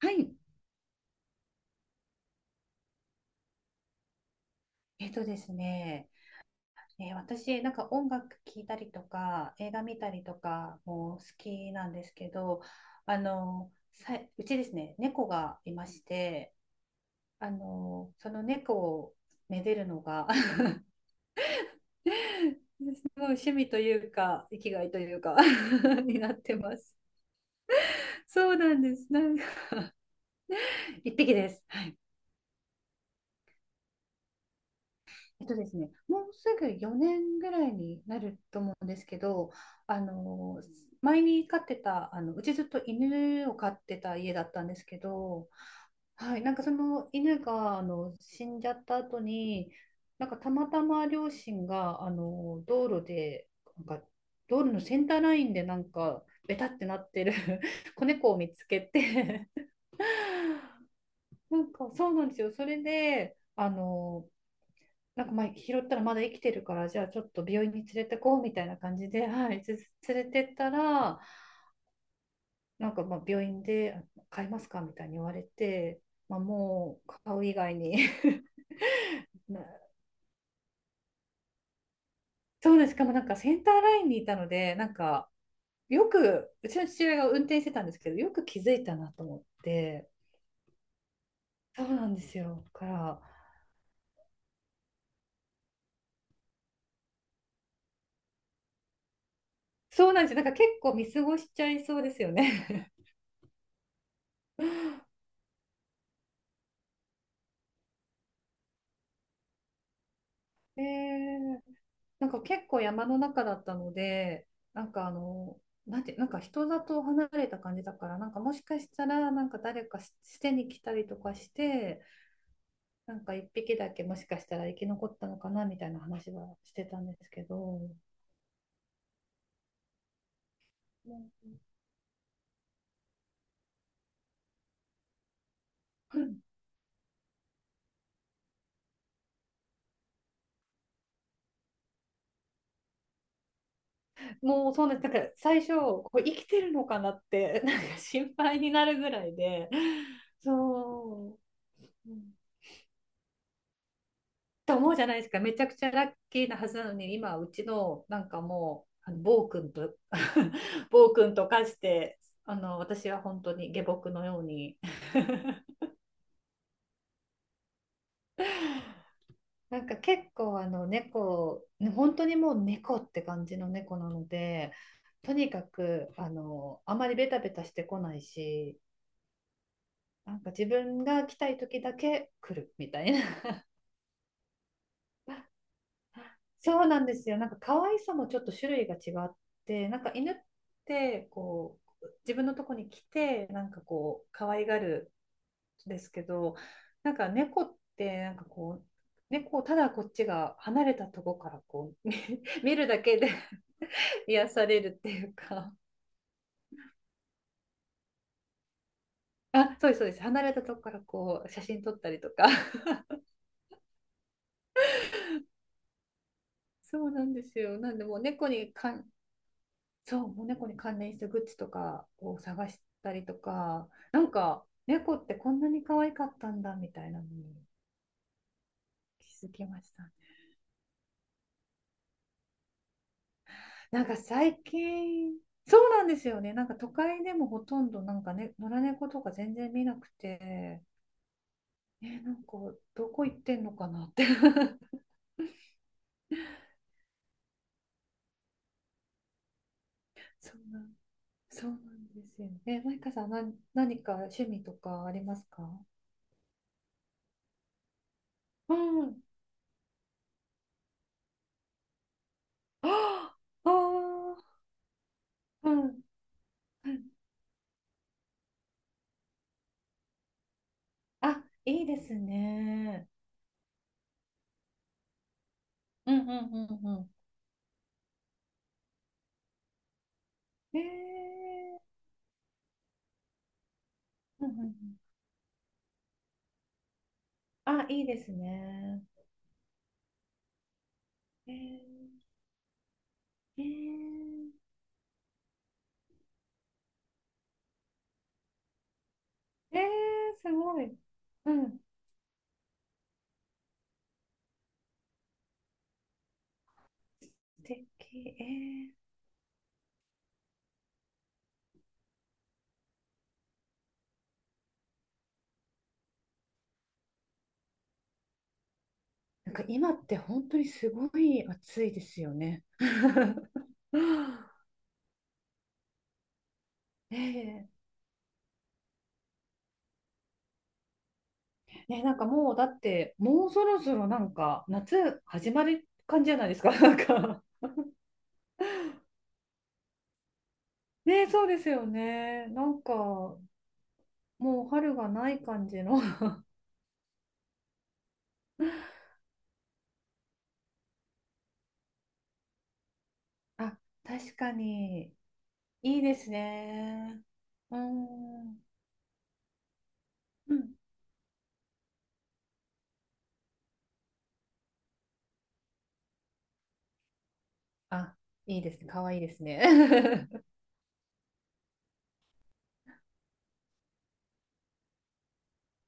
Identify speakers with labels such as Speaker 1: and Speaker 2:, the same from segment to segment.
Speaker 1: はい。えっとですね、私、なんか音楽聴いたりとか、映画見たりとかも好きなんですけど、あの、うちですね、猫がいまして、あの、その猫をめでるのが すごい 趣味というか、生きがいというか になってます。そうなんです。なんか 一匹です。はい。えっとですね、もうすぐ4年ぐらいになると思うんですけど、あの前に飼ってたあのうちずっと犬を飼ってた家だったんですけど、はい、なんかその犬があの死んじゃった後に、なんかたまたま両親があの道路で、なんか道路のセンターラインでなんかベタってなってる 子猫を見つけて、なんかそうなんですよ。それであの、なんかまあ拾ったらまだ生きてるからじゃあちょっと病院に連れてこうみたいな感じで、はい、連れてったら、なんかまあ病院で買いますかみたいに言われて、まあ、もう買う以外に そうです。しかもなんかセンターラインにいたので、なんかよくうちの父親が運転してたんですけど、よく気づいたなと思って。そうなんですよ、だから。そうなんですよ、なんか結構見過ごしちゃいそうですよね。えーなんか結構山の中だったので、なんかあの、なんか人里離れた感じだから、なんかもしかしたら、なんか誰か捨てに来たりとかして、なんか一匹だけもしかしたら生き残ったのかなみたいな話はしてたんですけど、う、もうそうなんです。だから最初、これ生きてるのかなって、なんか心配になるぐらいで、そう。うんと思うじゃないですか。めちゃくちゃラッキーなはずなのに、今、うちのなんかもう、あの暴君と 暴君と化して、あの、私は本当に下僕のように。なんか結構あの猫、ね、本当にもう猫って感じの猫なので、とにかくあのあまりベタベタしてこないし、なんか自分が来たい時だけ来るみたいな。そうなんですよ。なんか可愛さもちょっと種類が違って、なんか犬ってこう自分のとこに来てなんかこう可愛がるんですけど、なんか猫ってなんかこう猫をただこっちが離れたとこからこう見 見るだけで 癒されるっていうか、あ、そうですそうです。離れたとこからこう写真撮ったりとか。そうなんですよ。なんでもう猫にかそう、もう猫に関連したグッズとかを探したりとか、なんか猫ってこんなに可愛かったんだみたいなのに気づきましたね。なんか最近、そうなんですよね。なんか都会でもほとんどなんかね、野良猫とか全然見なくて、え、なんかどこ行ってんのかなって そうなん、そうなんですよね。マイカさん、何か趣味とかありますか？うん。ああ、ああ、うん。あ、いいですね。うんうんうんうん。えー、うんうんうん。あ、いいですね。えー、えー、えー、すごい。うん、素敵。えー、なんか今って本当にすごい暑いですよね。はあ。ねえ、ねえ、なんかもうだってもうそろそろなんか夏始まる感じじゃないですか。なんか、ねえ、そうですよね。なんかもう春がない感じの。あ、確かに。いいですね。うーん。うん。あ、いいですね。かわいいですね。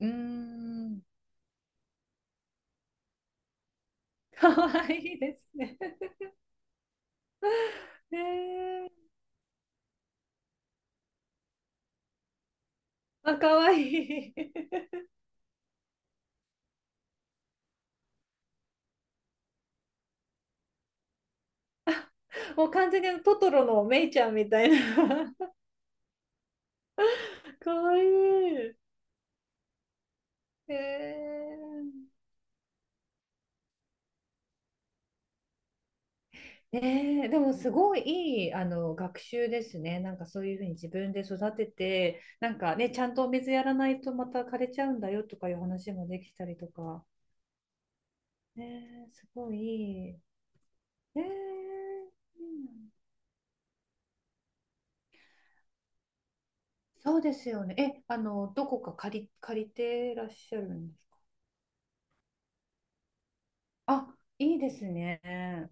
Speaker 1: うーん。かわいいですね。ねえ。あ、かわいい。もう完全にあのトトロのメイちゃんみたいな。かわいい。へえ。ねえ、でもすごいいい、あの、学習ですね。なんかそういうふうに自分で育てて、なんかね、ちゃんとお水やらないとまた枯れちゃうんだよとかいう話もできたりとか。ねえ、すごいいい。ねえ、いいな。そうですよね。え、あの、どこか借りてらっしゃるんですか？あ、いいですね。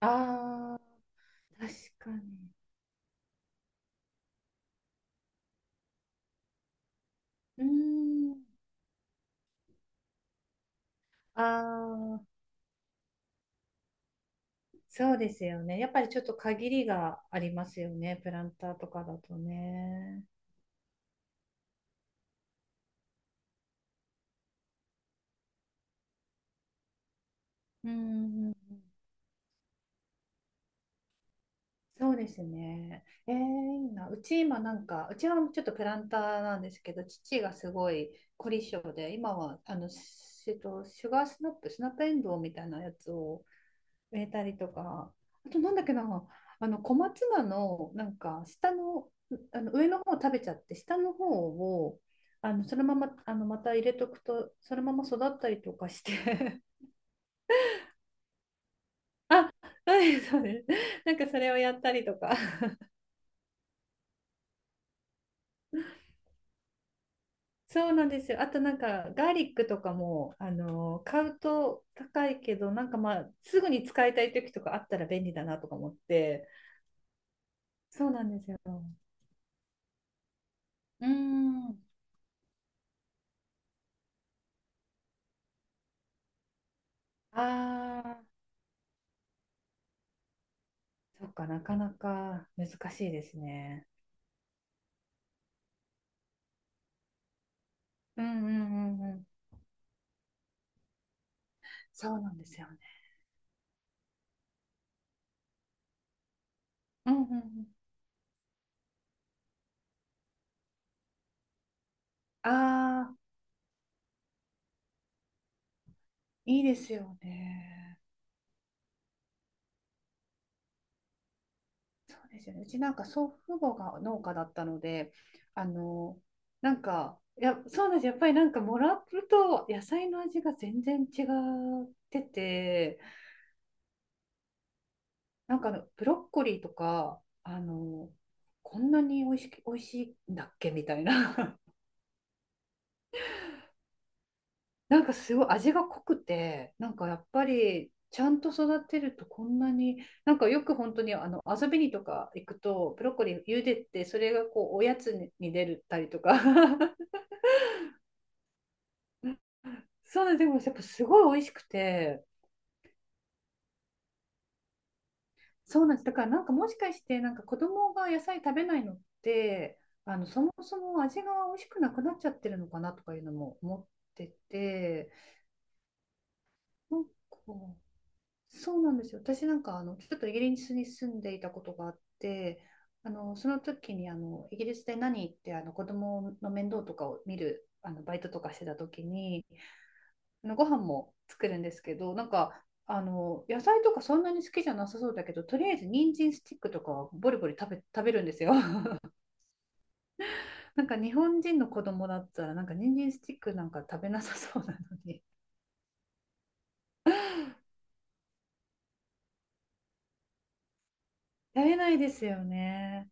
Speaker 1: ああ、確かに。うーん。ああ、そうですよね。やっぱりちょっと限りがありますよね。プランターとかだとね。うんうんうん。そうですね。えー、いいな。うち今なんか、うちはちょっとプランターなんですけど、父がすごい凝り性で、今はあの、しえっと、シュガースナップ、スナップエンドウみたいなやつを植えたりとか、あとなんだっけな、あの小松菜のなんか下の、あの上の方を食べちゃって、下の方をあのそのままあのまた入れとくと、そのまま育ったりとかして あ、そうですそうです。なんかそれをやったりとか。そうなんですよ。あとなんかガーリックとかも、あの買うと高いけど、なんかまあすぐに使いたい時とかあったら便利だなとか思って。そうなんですよ。うーん。ああ。そっか、なかなか難しいですね。うんうんうんうん。そうなんですよね。うんうんうん。ああ、いいですよね。そうですよね。うちなんか祖父母が農家だったので、あの、なんか、いや、そうなんです。やっぱりなんかもらうと野菜の味が全然違ってて、なんかあのブロッコリーとか、あの、こんなに美味しいんだっけみたいな。なんかすごい味が濃くて、なんかやっぱりちゃんと育てるとこんなに、なんかよく本当にあの遊びにとか行くと、ブロッコリー茹でて、それがこうおやつに出るたりとか、そうなんです、でもやっぱすごい美味しくて、そうなんです、だからなんかもしかして、なんか子供が野菜食べないのって、あのそもそも味が美味しくなくなっちゃってるのかなとかいうのも思ってて、なんか、そうなんですよ。私なんかあのちょっとイギリスに住んでいたことがあって、あのその時にあのイギリスで何ってあの子供の面倒とかを見るあのバイトとかしてた時に、あのご飯も作るんですけど、なんかあの野菜とかそんなに好きじゃなさそうだけど、とりあえず人参スティックとかはボリボリ食べるんですよ。なんか日本人の子供だったらなんか人参スティックなんか食べなさそうなのに、食べないですよね。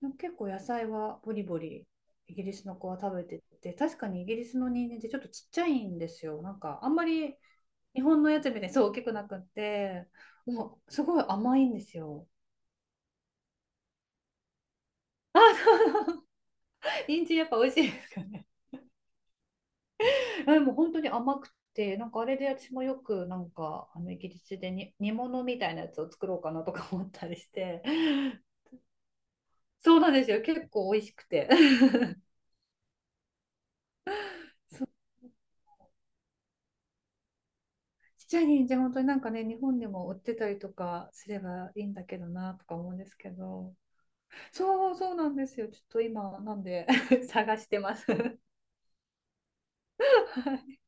Speaker 1: でも結構野菜はボリボリ、イギリスの子は食べてて、確かにイギリスの人参ってちょっとちっちゃいんですよ。なんかあんまり日本のやつみたいにそう大きくなくって、もうすごい甘いんですよ。あ、そうそう。人参やっぱ美味しいですよね。でも本当に甘くて、なんかあれで私もよくなんかあのイギリスでに煮物みたいなやつを作ろうかなとか思ったりして、そうなんですよ。結構美味しくて。ちっちゃい人参本当になんかね、日本でも売ってたりとかすればいいんだけどなとか思うんですけど、そうそうなんですよ、ちょっと今なんで 探してますは